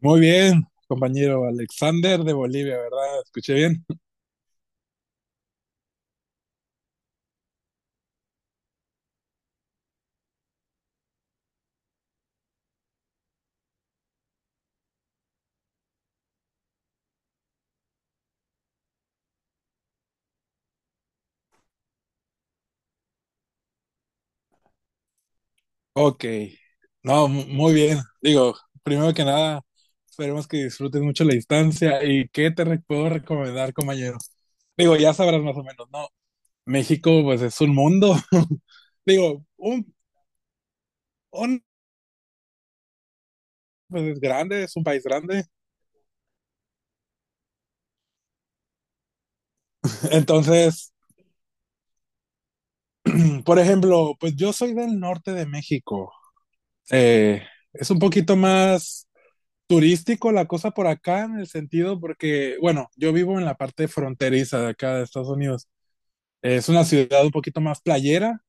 Muy bien, compañero Alexander de Bolivia, ¿verdad? ¿Escuché bien? Ok, no, muy bien. Digo, primero que nada, esperemos que disfrutes mucho la distancia y puedo recomendar, compañero. Digo, ya sabrás más o menos, ¿no? México, pues es un mundo. Digo, un- pues es grande, es un país grande. Entonces, por ejemplo, pues yo soy del norte de México. Eh, es un poquito más turístico la cosa por acá en el sentido porque, bueno, yo vivo en la parte fronteriza de acá de Estados Unidos. Es una ciudad un poquito más playera,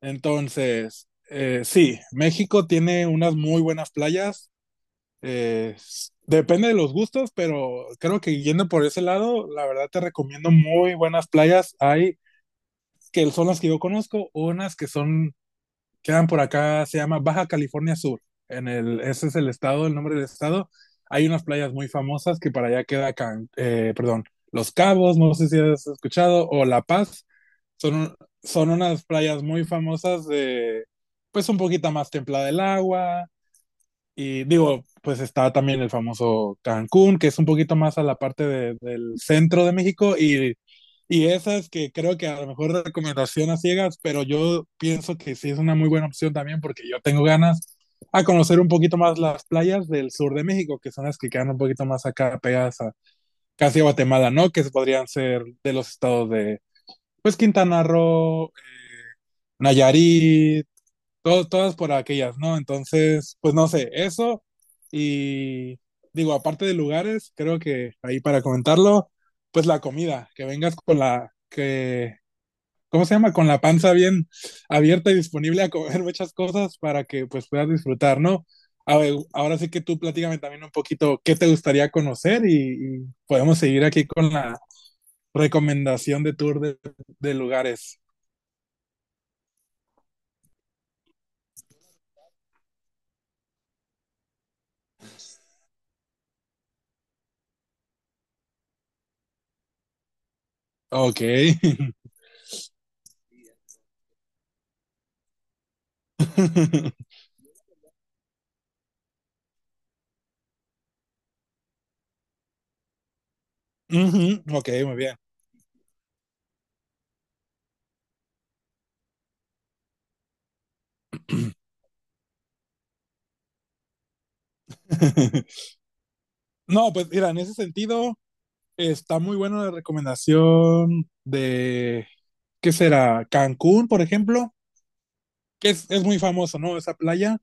entonces, sí, México tiene unas muy buenas playas. Depende de los gustos, pero creo que yendo por ese lado, la verdad te recomiendo muy buenas playas. Hay que son las que yo conozco, unas que son quedan por acá, se llama Baja California Sur. En el, ese es el estado, el nombre del estado. Hay unas playas muy famosas que para allá queda, perdón, Los Cabos, no sé si has escuchado, o La Paz. Son, son unas playas muy famosas de, pues un poquito más templada el agua. Y digo, pues está también el famoso Cancún, que es un poquito más a la parte del centro de México y esa es que creo que a lo mejor recomendación a ciegas, pero yo pienso que sí es una muy buena opción también porque yo tengo ganas a conocer un poquito más las playas del sur de México, que son las que quedan un poquito más acá pegadas a casi a Guatemala, ¿no? Que podrían ser de los estados de, pues, Quintana Roo, Nayarit, todas por aquellas, ¿no? Entonces, pues no sé, eso y digo, aparte de lugares, creo que ahí para comentarlo, pues la comida, que vengas con la que ¿cómo se llama? Con la panza bien abierta y disponible a comer muchas cosas para que pues puedas disfrutar, ¿no? A ver, ahora sí que tú platícame también un poquito qué te gustaría conocer y, podemos seguir aquí con la recomendación de tour de lugares. Ok. Ujú, ok, muy bien. No, pues mira, en ese sentido está muy buena la recomendación de, ¿qué será? Cancún, por ejemplo, que es muy famoso, ¿no? Esa playa.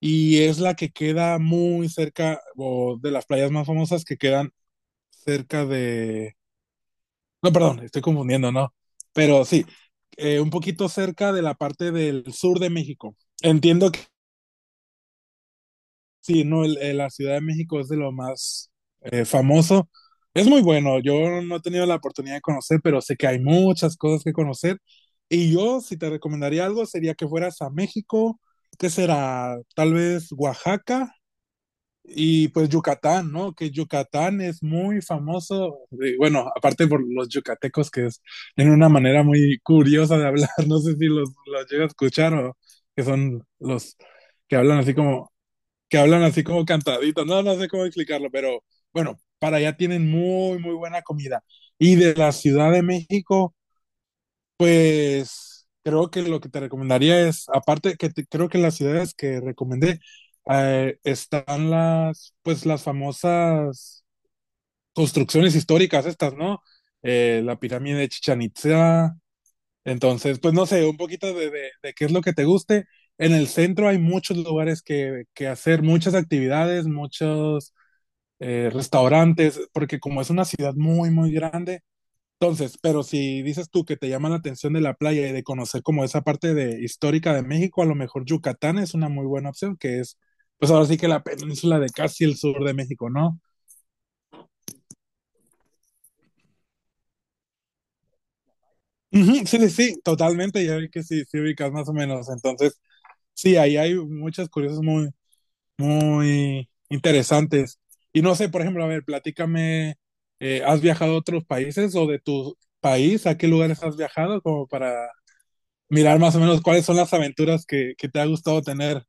Y es la que queda muy cerca, o de las playas más famosas que quedan cerca de... No, perdón, estoy confundiendo, ¿no? Pero sí, un poquito cerca de la parte del sur de México. Entiendo que sí, ¿no? La Ciudad de México es de lo más famoso. Es muy bueno, yo no he tenido la oportunidad de conocer, pero sé que hay muchas cosas que conocer. Y yo, si te recomendaría algo, sería que fueras a México, que será tal vez Oaxaca. Y pues Yucatán, ¿no? Que Yucatán es muy famoso, bueno, aparte por los yucatecos, que es en una manera muy curiosa de hablar, no sé si los, los llega a escuchar o que son los que hablan así como, que hablan así como cantaditos, no, no sé cómo explicarlo, pero bueno, para allá tienen muy, muy buena comida. Y de la Ciudad de México, pues creo que lo que te recomendaría es, aparte creo que en las ciudades que recomendé están las, pues las famosas construcciones históricas estas, ¿no? La pirámide de Chichén Itzá. Entonces, pues no sé, un poquito de, de qué es lo que te guste. En el centro hay muchos lugares que hacer, muchas actividades, muchos restaurantes, porque como es una ciudad muy, muy grande entonces, pero si dices tú que te llama la atención de la playa y de conocer como esa parte de histórica de México, a lo mejor Yucatán es una muy buena opción, que es, pues ahora sí que la península de casi el sur de México, ¿no? Ujú, sí, sí, sí, totalmente, ya vi que sí, sí ubicas más o menos. Entonces, sí, ahí hay muchas curiosas muy, muy interesantes. Y no sé, por ejemplo, a ver, platícame, ¿has viajado a otros países o de tu país? ¿A qué lugares has viajado como para mirar más o menos cuáles son las aventuras que te ha gustado tener?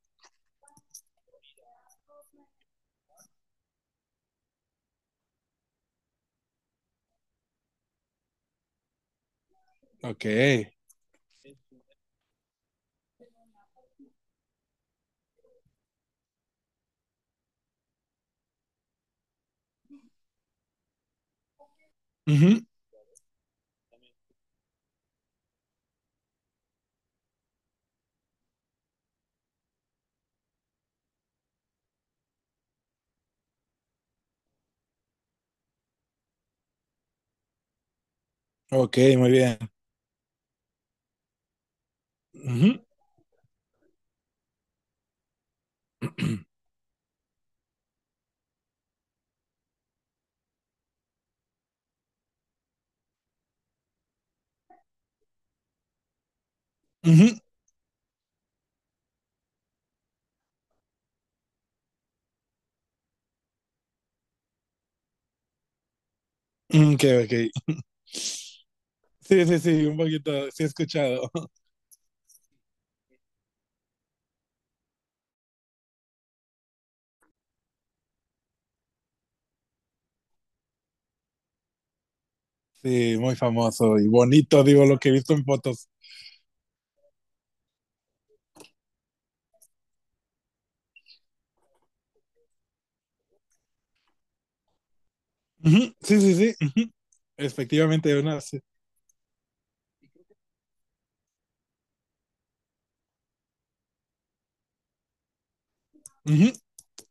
Ok. Ujú. Ok, muy bien. Ujú. Ujú. Mm, ok, ok. Sí, sí, sí, un poquito, sí he escuchado. Sí, muy famoso y bonito, digo, lo que he visto en fotos. Ujú. Sí, sí, sí. Ujú. Efectivamente, una, sí. Ujú.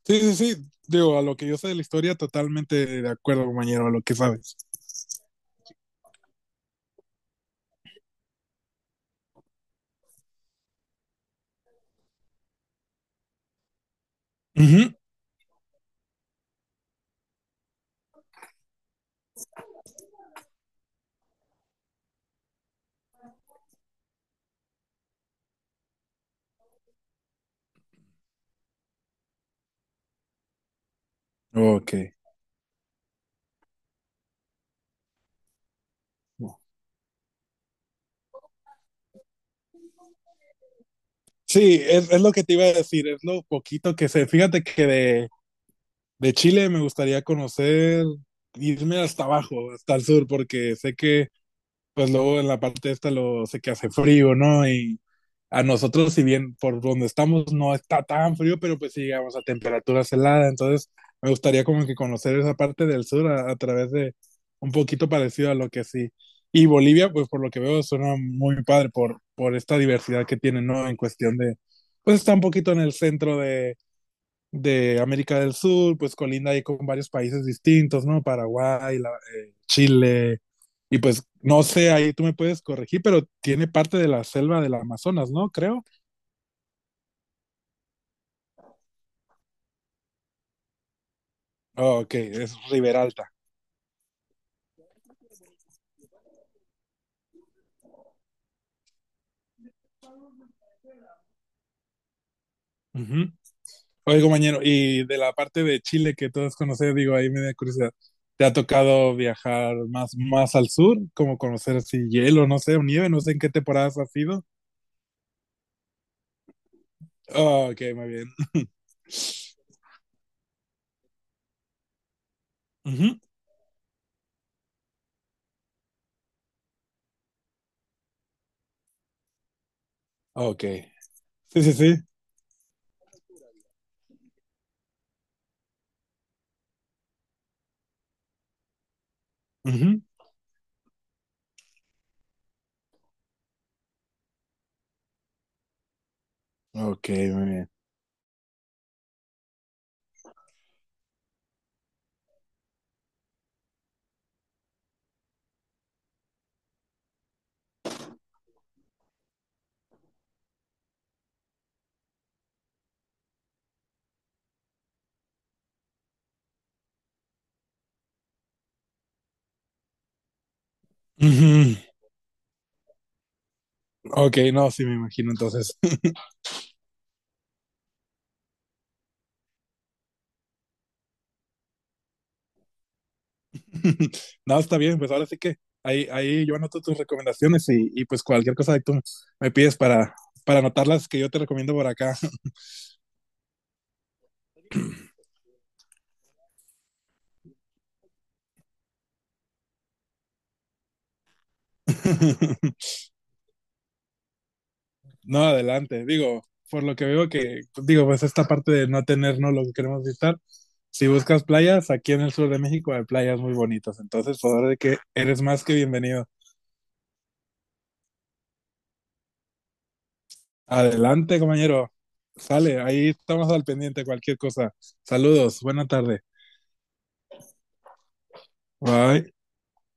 Sí, sí, sí. Digo, a lo que yo sé de la historia, totalmente de acuerdo, compañero, a lo que sabes. Ujú. Ok. Sí, es lo que te iba a decir, es lo poquito que sé. Fíjate que de, de Chile me gustaría conocer, irme hasta abajo, hasta el sur, porque sé que, pues luego en la parte esta lo sé que hace frío, ¿no? Y a nosotros, si bien por donde estamos no está tan frío, pero pues sí llegamos a temperaturas heladas, entonces me gustaría como que conocer esa parte del sur a través de un poquito parecido a lo que sí. Y Bolivia, pues por lo que veo, suena muy padre por esta diversidad que tiene, ¿no? En cuestión de, pues está un poquito en el centro de América del Sur, pues colinda ahí con varios países distintos, ¿no? Paraguay, Chile, y pues no sé, ahí tú me puedes corregir, pero tiene parte de la selva del Amazonas, ¿no? Creo. Oh, ok, es Riberalta. Ujú. Oye, compañero, y de la parte de Chile que todos conocen, digo, ahí me da curiosidad. ¿Te ha tocado viajar más, más al sur? Como conocer así hielo, no sé, o nieve, no sé en qué temporadas has sido. Oh, ok, muy bien. Ujú. Ok. Sí, sí, sí. Ujú. Ok, muy bien. Ujú. Ok, no, sí me imagino entonces. No, está bien, pues ahora sí que ahí, ahí yo anoto tus recomendaciones y, pues cualquier cosa que tú me pides para anotarlas que yo te recomiendo por acá. No, adelante, digo, por lo que veo que, digo, pues esta parte de no tener, no lo que queremos visitar, si buscas playas, aquí en el sur de México hay playas muy bonitas, entonces por ahora de que eres más que bienvenido. Adelante, compañero, sale, ahí estamos al pendiente, cualquier cosa. Saludos, buena tarde. Bye.